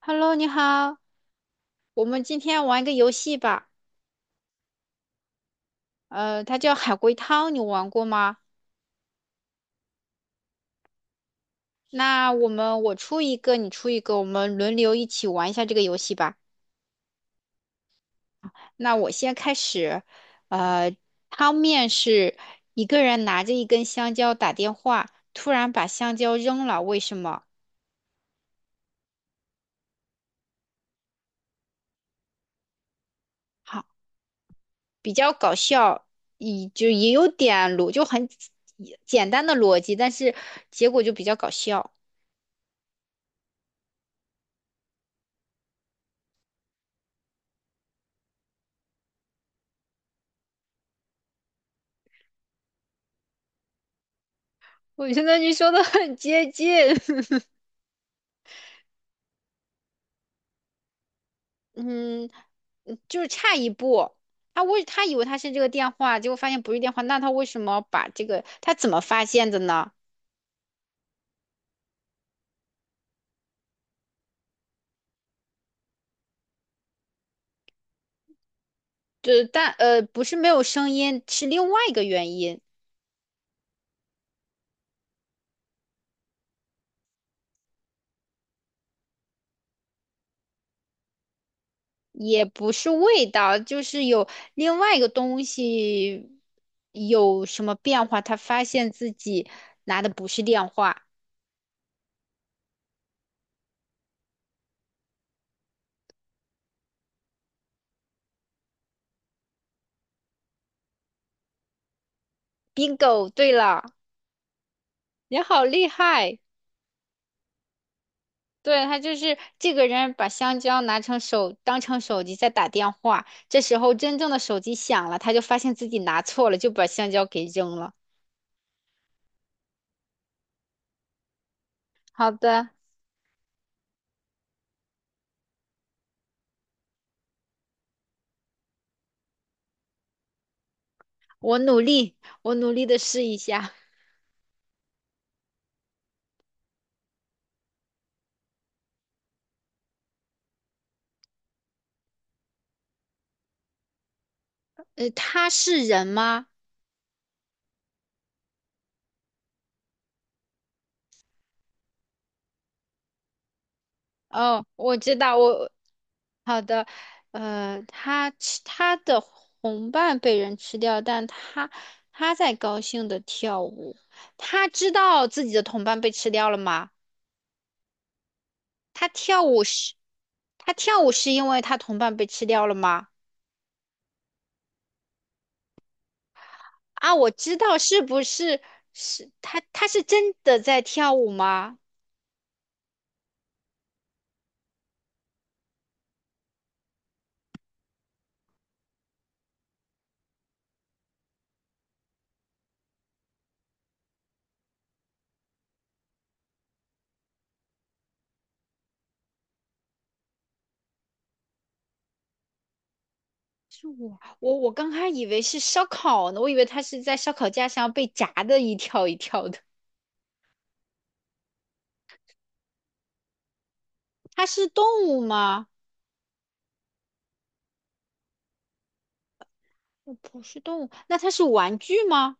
Hello，你好，我们今天玩一个游戏吧。它叫海龟汤，你玩过吗？那我出一个，你出一个，我们轮流一起玩一下这个游戏吧。那我先开始。呃，汤面是一个人拿着一根香蕉打电话，突然把香蕉扔了，为什么？好，比较搞笑，也有点逻，就很简单的逻辑，但是结果就比较搞笑。我觉得你说的很接近。嗯，嗯，就是差一步。他以为他是这个电话，结果发现不是电话，那他为什么把这个他怎么发现的呢？就是但不是没有声音，是另外一个原因，也不是味道，就是有另外一个东西有什么变化，他发现自己拿的不是电话。bingo，对了，你好厉害。对，他就是这个人把香蕉拿成手，当成手机在打电话。这时候真正的手机响了，他就发现自己拿错了，就把香蕉给扔了。好的，我努力，我努力的试一下。他是人吗？哦，我知道，好的。他的同伴被人吃掉，但他在高兴的跳舞。他知道自己的同伴被吃掉了吗？他跳舞是，他跳舞是因为他同伴被吃掉了吗？啊，我知道，是他？他是真的在跳舞吗？我刚开始以为是烧烤呢，我以为他是在烧烤架上被炸的一跳一跳的。他是动物吗？不是动物，那他是玩具吗？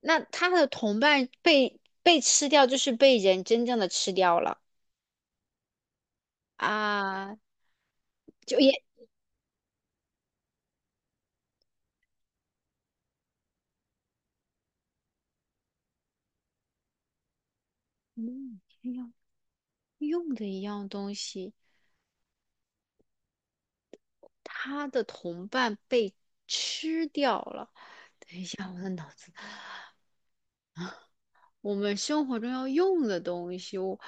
那他的同伴被吃掉，就是被人真正的吃掉了啊，就也嗯，一样用的一样东西。他的同伴被吃掉了。等一下，我的脑子，我们生活中要用的东西，我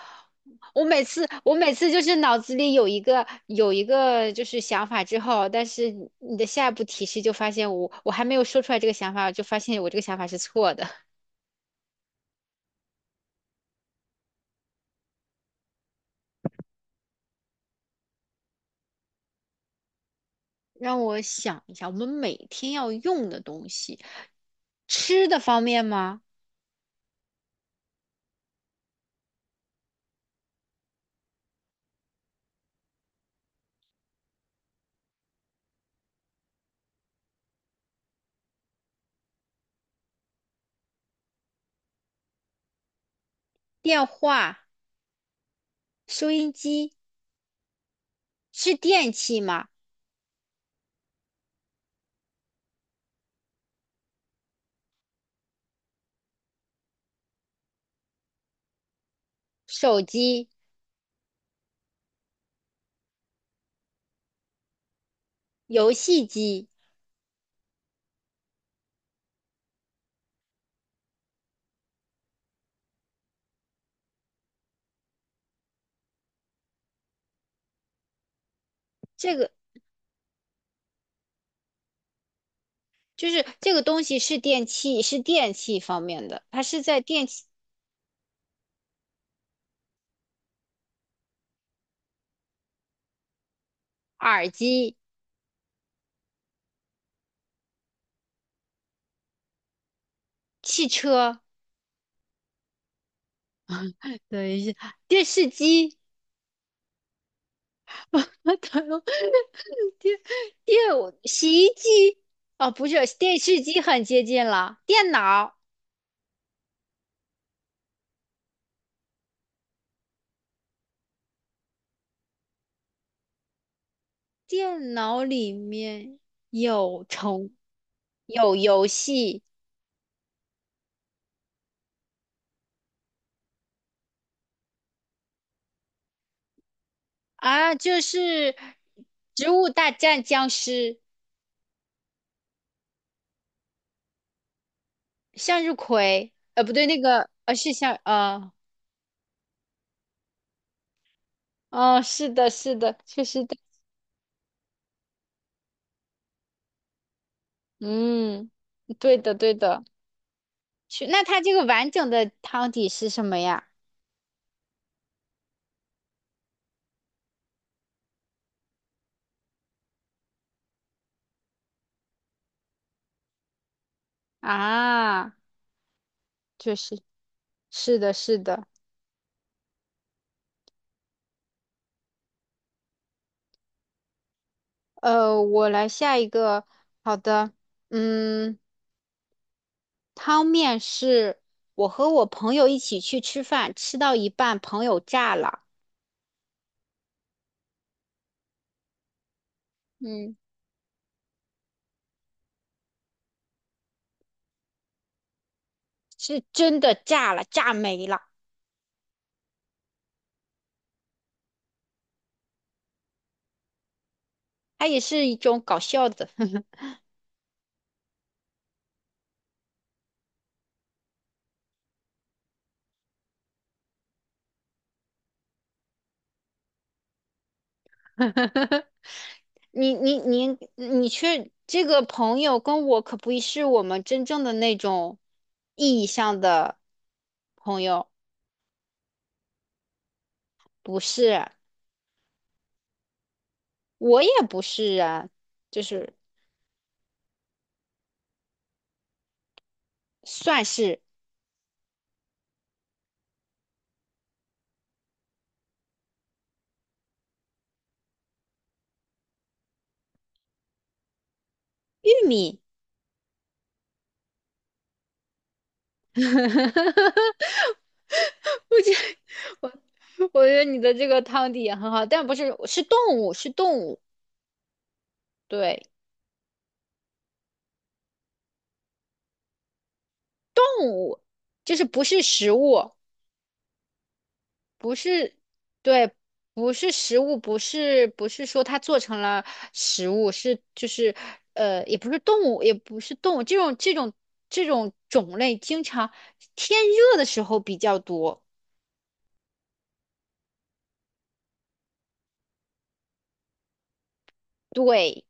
我每次我每次就是脑子里有一个就是想法之后，但是你的下一步提示就发现我还没有说出来这个想法，就发现我这个想法是错的。让我想一下，我们每天要用的东西，吃的方面吗？电话、收音机是电器吗？手机、游戏机。这个就是这个东西是电器，是电器方面的，它是在电器、耳机、汽车，等一下，电视机，等一下电洗衣机，哦，不是，电视机很接近了，电脑，电脑里面有虫，有游戏啊，就是《植物大战僵尸》，向日葵，不对，那个是向。哦，是的，是的，确实的，嗯，对的，对的。去，那它这个完整的汤底是什么呀？啊，确实，是的，是的。我来下一个，好的，嗯，汤面是我和我朋友一起去吃饭，吃到一半，朋友炸了，嗯，是真的炸了，炸没了，它也是一种搞笑的。你你你你去这个朋友跟我可不是我们真正的那种意义上的朋友，不是，我也不是啊，就是算是玉米。我觉我我觉得你的这个汤底也很好，但不是是动物，是动物，对，动物就是不是食物。不是，对，不是食物，不是说它做成了食物，是就是也不是动物，也不是动物，这种种类，经常天热的时候比较多。对，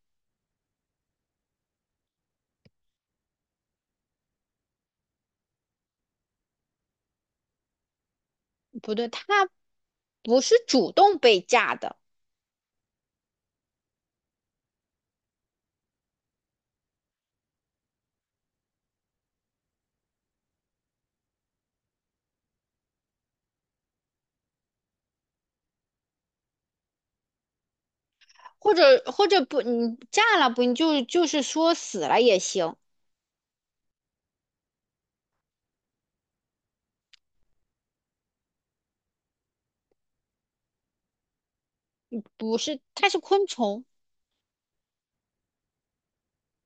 不对，它不是主动被炸的，或者不，你炸了不，你就是说死了也行，不是，它是昆虫。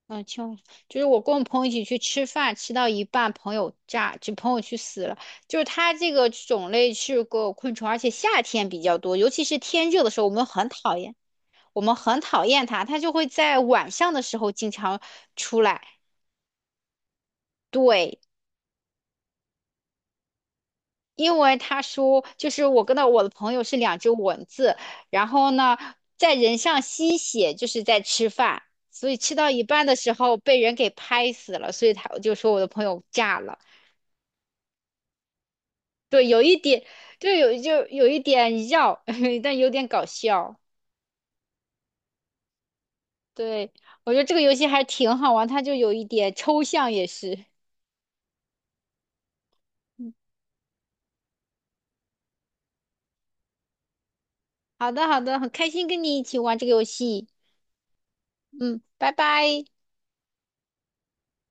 嗯，就是我跟我朋友一起去吃饭，吃到一半，朋友炸，就朋友去死了。就是它这个种类是个昆虫，而且夏天比较多，尤其是天热的时候，我们很讨厌，我们很讨厌它，它就会在晚上的时候经常出来。对，因为他说，就是我跟到我的朋友是两只蚊子，然后呢，在人上吸血，就是在吃饭，所以吃到一半的时候被人给拍死了，所以我就说我的朋友炸了。对，有一点，就有一点绕，但有点搞笑。对，我觉得这个游戏还挺好玩，它就有一点抽象也是。嗯好的好的，很开心跟你一起玩这个游戏。嗯，拜拜。